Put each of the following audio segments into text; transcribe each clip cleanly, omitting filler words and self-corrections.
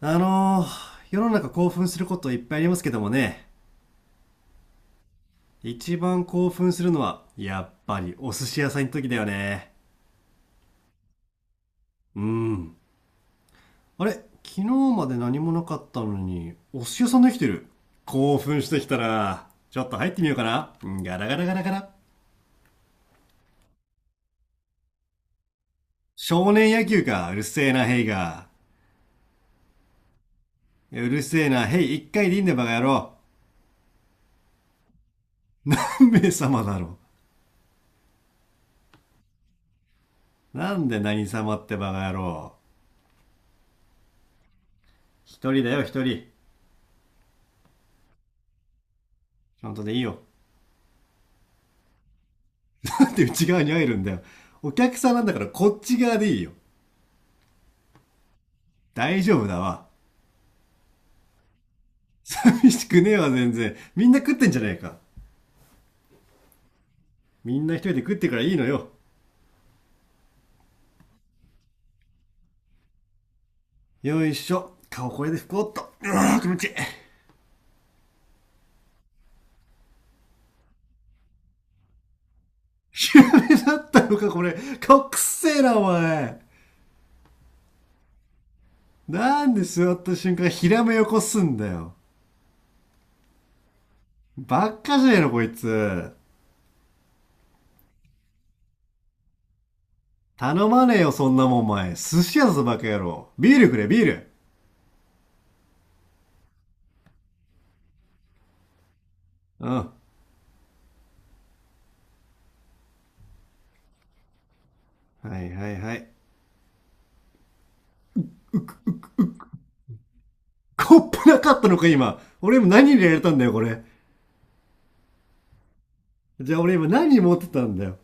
世の中興奮することいっぱいありますけどもね、一番興奮するのは、やっぱりお寿司屋さんの時だよね。うん。あれ昨日まで何もなかったのに、お寿司屋さんできてる。興奮してきたら、ちょっと入ってみようかな。うん、ガラガラガラガラ。少年野球か、うるせえな、ヘイが。うるせえな、ヘイ、一回でいいんだよ、バカ野郎。目様だろ。なんで何様ってバカ野郎。一人だよ、一人。ちゃんとでいいよ。って内側に入るんだよ。お客さんなんだからこっち側でいいよ。大丈夫だわ。寂しくねえわ、全然。みんな食ってんじゃねえか。みんな一人で食ってからいいのよ。よいしょ。顔これで拭こうっと。うわー気持ちいい。ひらめだったのか、これ。顔くっせえな、お前。なんで座った瞬間、ひらめよこすんだよ。ばっかじゃねえの、こいつ。頼まねえよ、そんなもん、お前。寿司屋だぞ、バカ野郎。ビールくれ、ビール。うん。はいはいはい。コップなかったのか、今。俺今何入れられたんだよ、これ。じゃあ俺今何持ってたんだよ。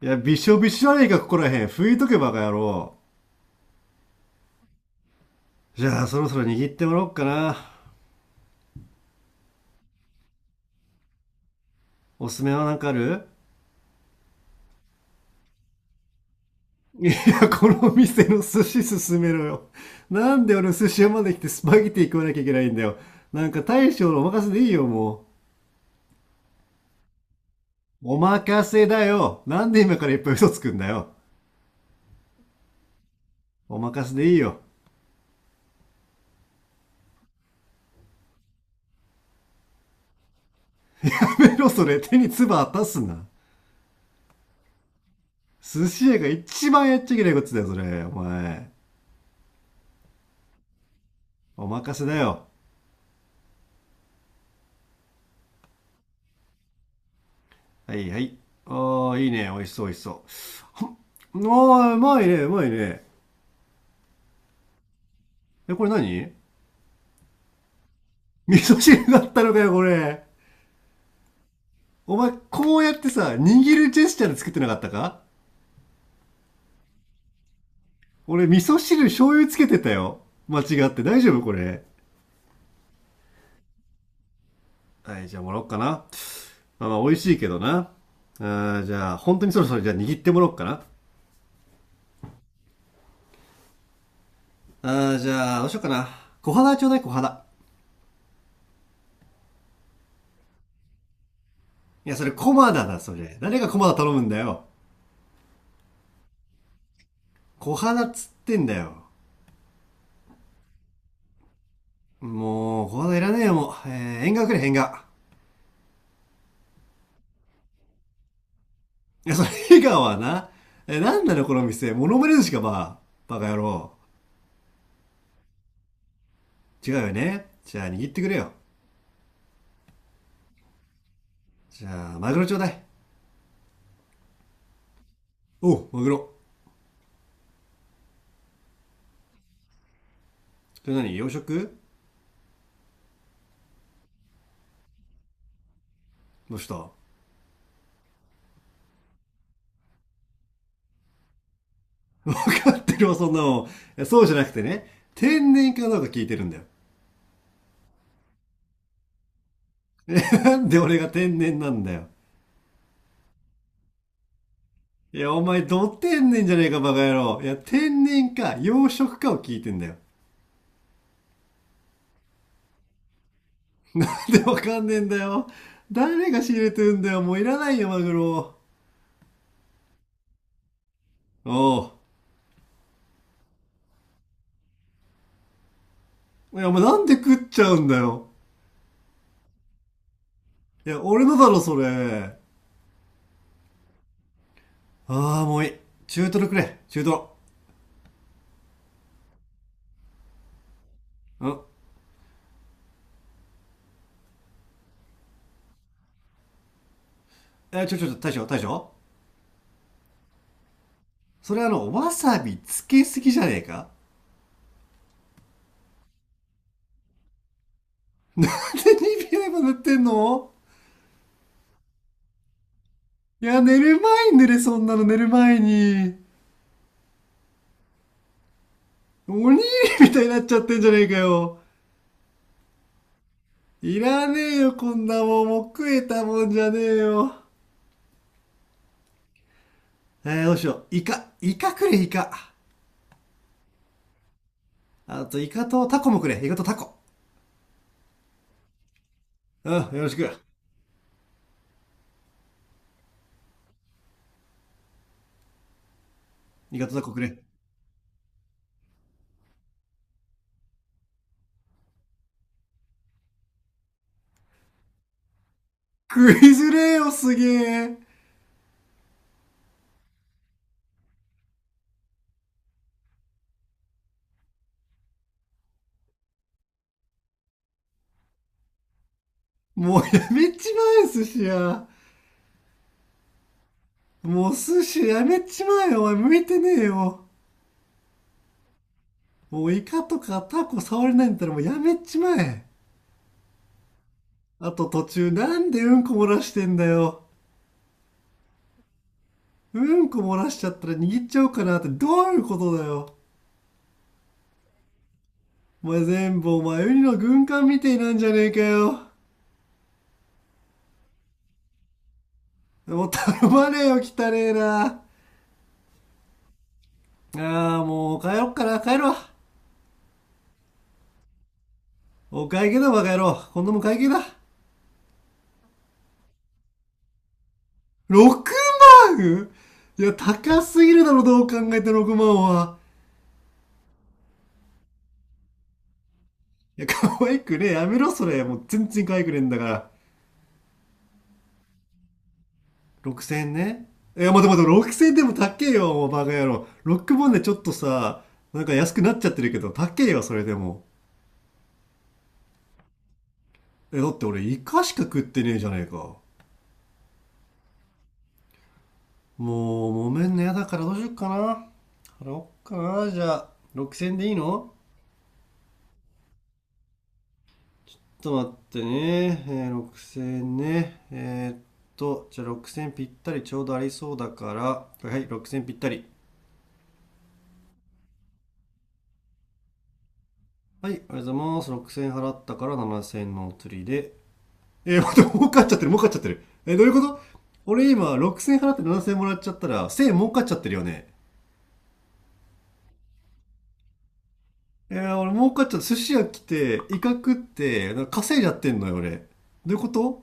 いや、びしょびしょあれねか、ここらへん。拭いとけばかやろう。じゃあ、そろそろ握ってもらおうかな。おすすめは何かある？いや、この店の寿司勧めろよ。なんで俺寿司屋まで来てスパゲティ食わなきゃいけないんだよ。なんか大将のお任せでいいよ、もう。お任せだよ。なんで今からいっぱい嘘つくんだよ。お任せでいいよ。やめろ、それ。手に唾当たすな。寿司屋が一番やっちゃいけないことだよ、それ。お前。お任せだよ。はい、はい。ああ、いいね。美味しそう、美味しそう。ああ、うまいね、うまいね。え、これ何？味噌汁だったのかよ、これ。お前、こうやってさ、握るジェスチャーで作ってなかったか？俺、味噌汁醤油つけてたよ。間違って。大丈夫これ？はい、じゃあもらおっかな。まあまあ、美味しいけどな。ああ、じゃあ、本当にそろそろじゃあ握ってもらおっかな。ああ、じゃあ、どうしようかな。小肌ちょうだい、小肌。いや、それコマダだ、それ。誰がコマダ頼むんだよ。小花っつってんだよ。もう、小花いらねえよ、もう。縁側くれ、縁側。いや、それ、縁側はな。え、なんなの、この店。モノマネ寿司か、ば。バカ野郎。違うよね。じゃあ、握ってくれよ。じゃあ、マグロちょうだい。おう、マグロ。それ何、洋食？どうした？わかってるわ、そんなの。そうじゃなくてね。天然かどうか聞いてるんだよ。なんで俺が天然なんだよ。いや、お前、ど天然じゃねえか、バカ野郎。いや、天然か、養殖かを聞いてんだよ。で、わかんねえんだよ。誰が仕入れてんだよ。もういらないよ、マグロ。おう。いや、お前、なんで食っちゃうんだよ。いや、俺のだろ、それ。ああ、もういい。中トロくれ、中トロ。うん。え、ちょ、ちょ、ちょ、大将、大将。それあの、わさびつけすぎじゃねえか？ で、2秒も塗ってんの？いや、寝る前に塗れ、そんなの寝る前に。おにぎりみたいになっちゃってんじゃねえかよ。いらねえよ、こんなもん。もう食えたもんじゃねえよ。どうしよう。イカ。イカくれ、イカ。あと、イカとタコもくれ。イカとタコ。うん、よろしく。イカとタコくれ。食いづれえよ、すげえ。もうやめちまえ、寿司や。もう寿司やめちまえよ、お前向いてねえよ。もうイカとかタコ触れないんだったらもうやめちまえ。あと途中なんでうんこ漏らしてんだよ。うんこ漏らしちゃったら握っちゃおうかなってどういうことだよ。お前全部お前ウニの軍艦みてえなんじゃねえかよ。もう頼まねえよ、汚ねえな。ああ、もう帰ろっかな、帰ろう。お会計だ、バカ野郎。今度も会計だ。6万？いや、高すぎるだろ、どう考えて6万は。いや、可愛くねえ。やめろ、それ。もう全然可愛くねえんだから。6千円ね。いや、待て待て、6千円でも高えよ、もうバカ野郎。6万でちょっとさ、なんか安くなっちゃってるけど、高えよ、それでも。え、だって俺、イカしか食ってねえじゃねえか。もう揉めんのやだからどうしよっかな。払おっかな、じゃあ。6000円でいいの？ちょっと待ってね、6000円ね、じゃあ6000円ぴったりちょうどありそうだから、はいはい、6000円ぴったり。はい、ありがとうございます。6000円払ったから7000円のお釣りで、待って、儲かっちゃってる、儲かっちゃってる。どういうこと？俺今6000円払って7000円もらっちゃったら1000円儲かっちゃってるよね。俺儲かっちゃって寿司屋来てイカ食って稼いじゃってんのよ、俺。どういうこと？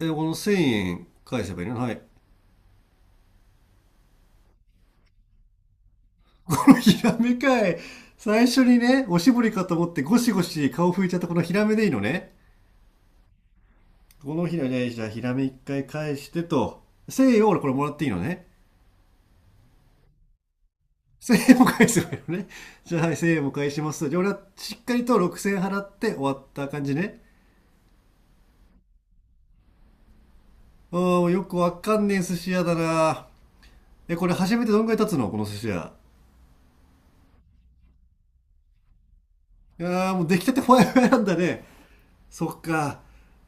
え、この1000円返せばいいの？はい。このヒラメかい。最初にね、おしぼりかと思ってゴシゴシ顔拭いちゃったこのヒラメでいいのね。このヒラメ、じゃあヒラメ一回返してと。1000円を俺これもらっていいのね。1000円も返せばいいのね。じゃあはい、1000円も返します。じゃあ俺はしっかりと6000円払って終わった感じね。あー、よくわかんねえ寿司屋だな。え、これ初めてどんぐらい経つの、この寿司屋。いやーもう出来たてほやほやなんだね。そっか。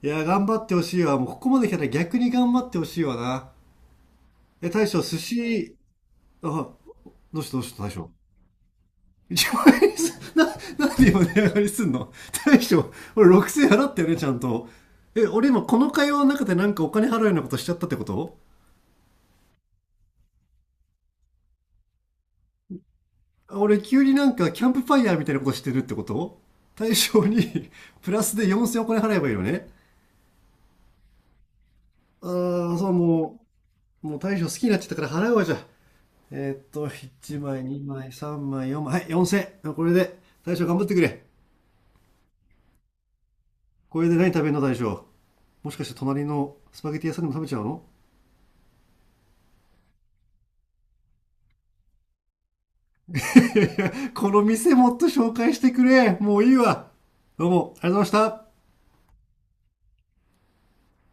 いや、頑張ってほしいわ。もうここまで来たら逆に頑張ってほしいわな。え、大将、寿司、あ、どうしたどうした大将。1万円にす、な、なんで今値上がりすんの？大将、俺6000円払ったよね、ちゃんと。え、俺今この会話の中でなんかお金払うようなことしちゃったってこと？あ、俺急になんかキャンプファイヤーみたいなことしてるってこと？大将に プラスで4000円お金払えばいいよね？ああ、そう、もう、もう大将好きになっちゃったから払うわ、じゃあ。1枚、2枚、3枚、4枚、はい、4000。これで、大将頑張ってくれ。これで何食べるの、大将。もしかして隣のスパゲティ屋さんでも食べちゃうの？ この店もっと紹介してくれ。もういいわ。どうも、ありがとうございました。